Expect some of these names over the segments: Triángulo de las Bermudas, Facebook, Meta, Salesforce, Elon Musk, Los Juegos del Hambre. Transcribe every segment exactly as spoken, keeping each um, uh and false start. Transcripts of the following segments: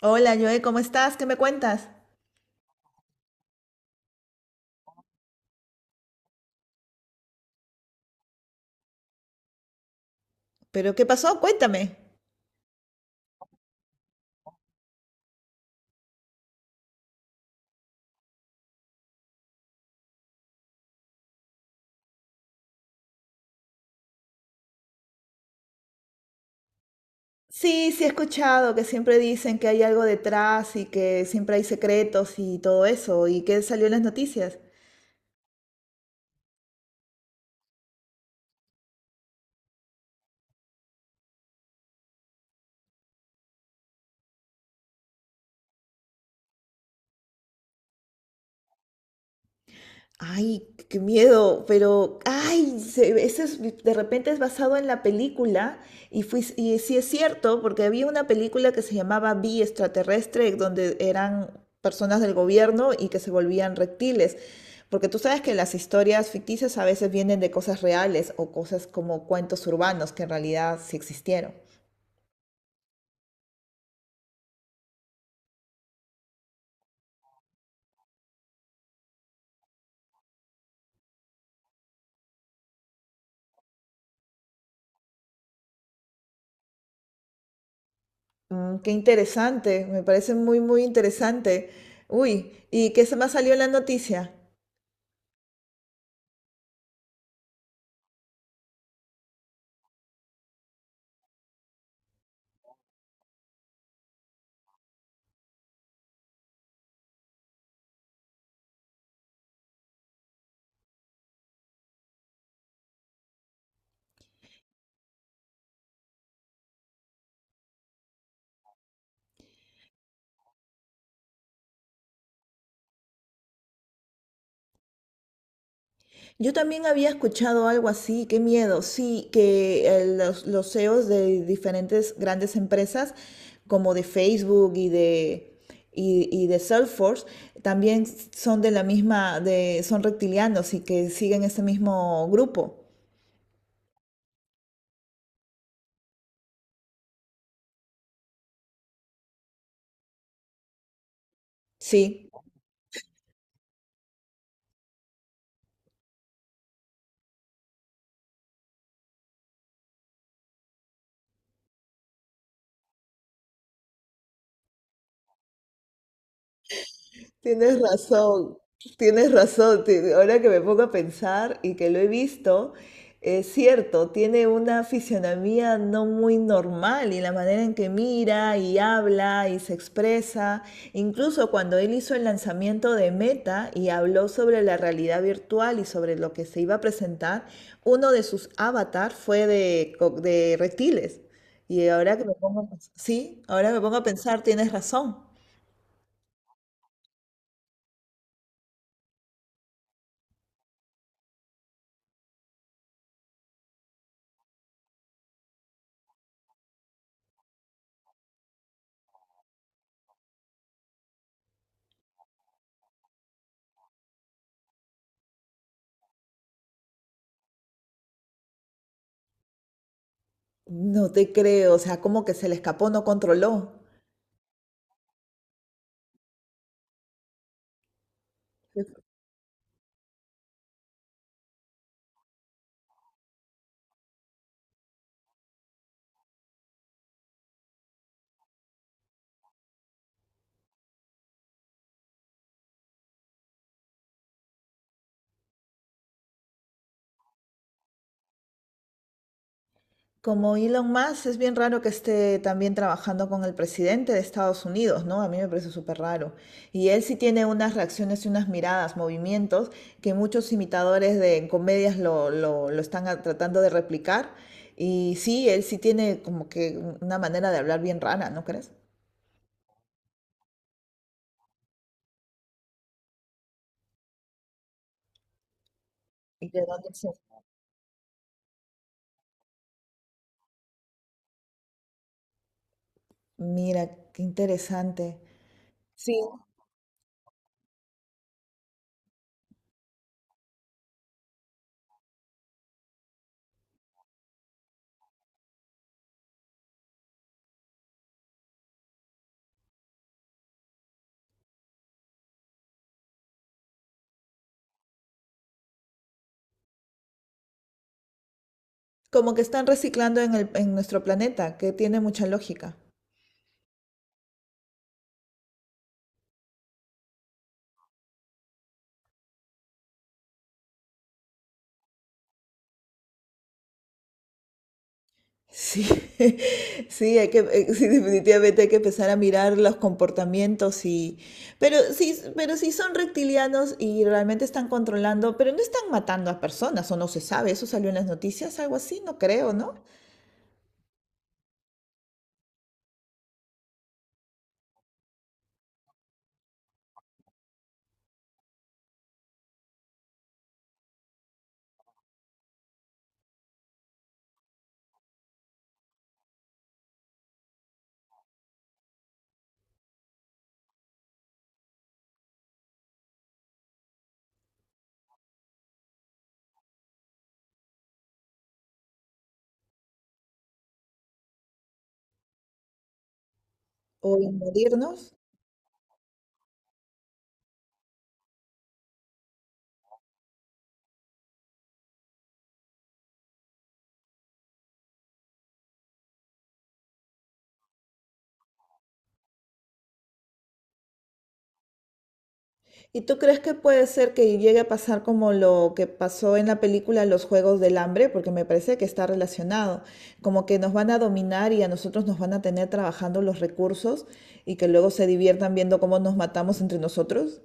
Hola, Joe, ¿cómo estás? ¿Qué me cuentas? ¿Pero qué pasó? Cuéntame. Sí, sí he escuchado que siempre dicen que hay algo detrás y que siempre hay secretos y todo eso. ¿Y qué salió en las noticias? Ay, qué miedo, pero, ay, se- ese es- de repente es basado en la película y, fui, y sí es cierto, porque había una película que se llamaba Vi extraterrestre, donde eran personas del gobierno y que se volvían reptiles, porque tú sabes que las historias ficticias a veces vienen de cosas reales o cosas como cuentos urbanos que en realidad sí existieron. Mm, qué interesante, me parece muy, muy interesante. Uy, ¿y qué se más salió en la noticia? Yo también había escuchado algo así, qué miedo, sí, que eh, los, los C E Os de diferentes grandes empresas, como de Facebook y de, y, y de Salesforce, también son de la misma, de, son reptilianos y que siguen ese mismo grupo. Sí. Tienes razón, tienes razón. ti- Ahora que me pongo a pensar y que lo he visto, es cierto, tiene una fisionomía no muy normal y la manera en que mira y habla y se expresa. Incluso cuando él hizo el lanzamiento de Meta y habló sobre la realidad virtual y sobre lo que se iba a presentar, uno de sus avatars fue de, co- de reptiles. Y ahora que me pongo a pensar, sí, ahora me pongo a pensar, tienes razón. No te creo, o sea, como que se le escapó, no controló. Sí. Como Elon Musk, es bien raro que esté también trabajando con el presidente de Estados Unidos, ¿no? A mí me parece súper raro. Y él sí tiene unas reacciones y unas miradas, movimientos, que muchos imitadores de comedias lo, lo, lo están a- tratando de replicar. Y sí, él sí tiene como que una manera de hablar bien rara, ¿no crees? ¿Y de dónde se- Mira, qué interesante. Sí, como que están reciclando en el, en nuestro planeta, que tiene mucha lógica. Sí, sí, hay que, eh, sí, definitivamente hay que empezar a mirar los comportamientos y, pero sí, pero sí son reptilianos y realmente están controlando, pero no están matando a personas o no se sabe, eso salió en las noticias, algo así, no creo, ¿no? O invadirnos. ¿Y tú crees que puede ser que llegue a pasar como lo que pasó en la película Los Juegos del Hambre? Porque me parece que está relacionado, como que nos van a dominar y a nosotros nos van a tener trabajando los recursos y que luego se diviertan viendo cómo nos matamos entre nosotros.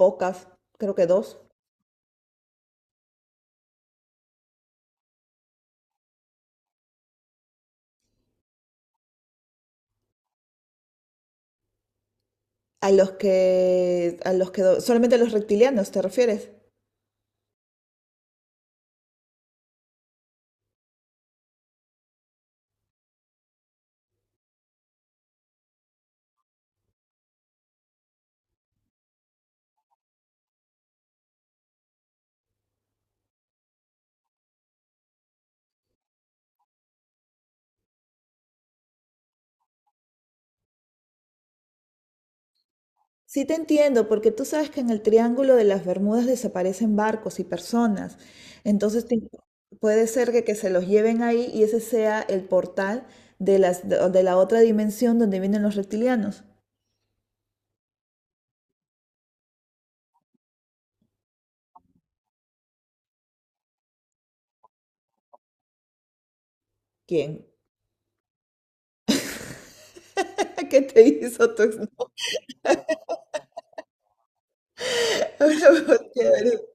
Pocas, creo que dos. A los que, a los que, do- solamente a los reptilianos, ¿te refieres? Sí te entiendo, porque tú sabes que en el Triángulo de las Bermudas desaparecen barcos y personas. Entonces te- Puede ser que, que se los lleven ahí y ese sea el portal de las, de, de la otra dimensión donde vienen los reptilianos. ¿Quién? ¿Qué te hizo tu ex- Bueno, chévere.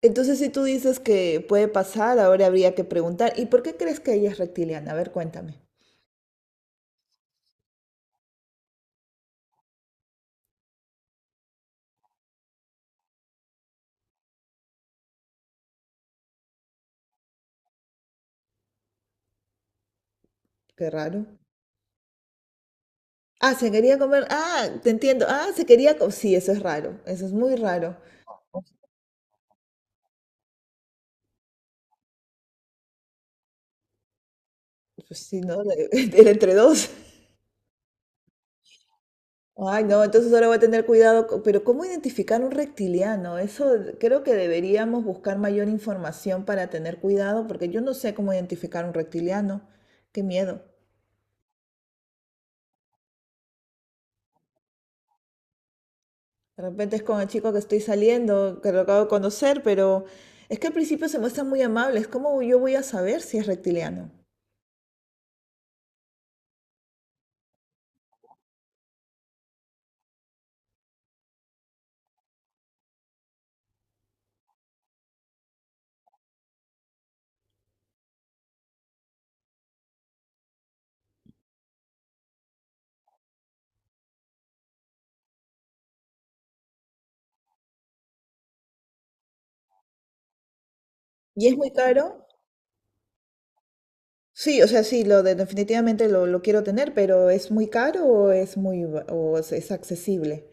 Entonces, si tú dices que puede pasar, ahora habría que preguntar, ¿y por qué crees que ella es reptiliana? A ver, cuéntame. Qué raro. Ah, se quería comer. Ah, te entiendo. Ah, se quería comer. Sí, eso es raro. Eso es muy raro. Pues sí, ¿no? Era entre dos. Ay, no, entonces ahora voy a tener cuidado. co- Pero ¿cómo identificar un reptiliano? Eso creo que deberíamos buscar mayor información para tener cuidado, porque yo no sé cómo identificar un reptiliano. Qué miedo. De repente es con el chico que estoy saliendo, que lo acabo de conocer, pero es que al principio se muestran muy amables. ¿Cómo yo voy a saber si es reptiliano? ¿Y es muy caro? Sí, o sea, sí, lo de- definitivamente lo, lo quiero tener, pero ¿es muy caro o es muy, ba- o es es accesible?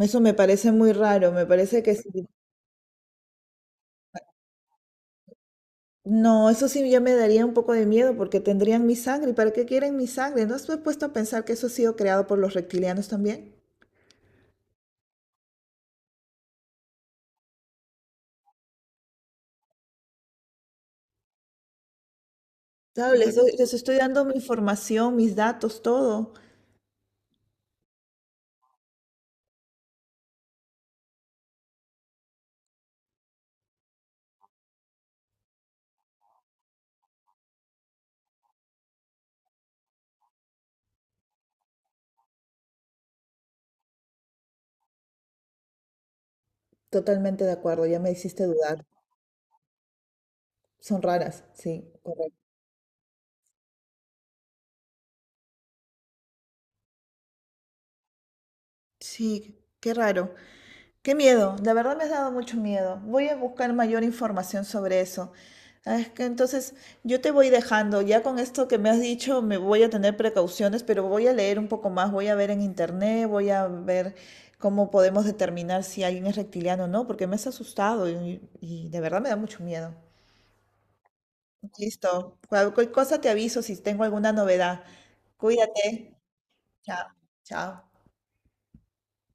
Eso me parece muy raro, me parece que sí. No, eso sí ya me daría un poco de miedo porque tendrían mi sangre. ¿Y para qué quieren mi sangre? ¿No estoy puesto a pensar que eso ha sido creado por los reptilianos también? Claro, les doy- les estoy dando mi información, mis datos, todo. Totalmente de acuerdo, ya me hiciste dudar. Son raras, sí, correcto. Sí, qué raro. Qué miedo, de verdad me has dado mucho miedo. Voy a buscar mayor información sobre eso. Ah, es que entonces yo te voy dejando, ya con esto que me has dicho me voy a tener precauciones, pero voy a leer un poco más, voy a ver en internet, voy a ver cómo podemos determinar si alguien es reptiliano o no, porque me has asustado y, y de verdad me da mucho miedo. Listo, cualquier cosa te aviso si tengo alguna novedad. Cuídate. Chao, chao.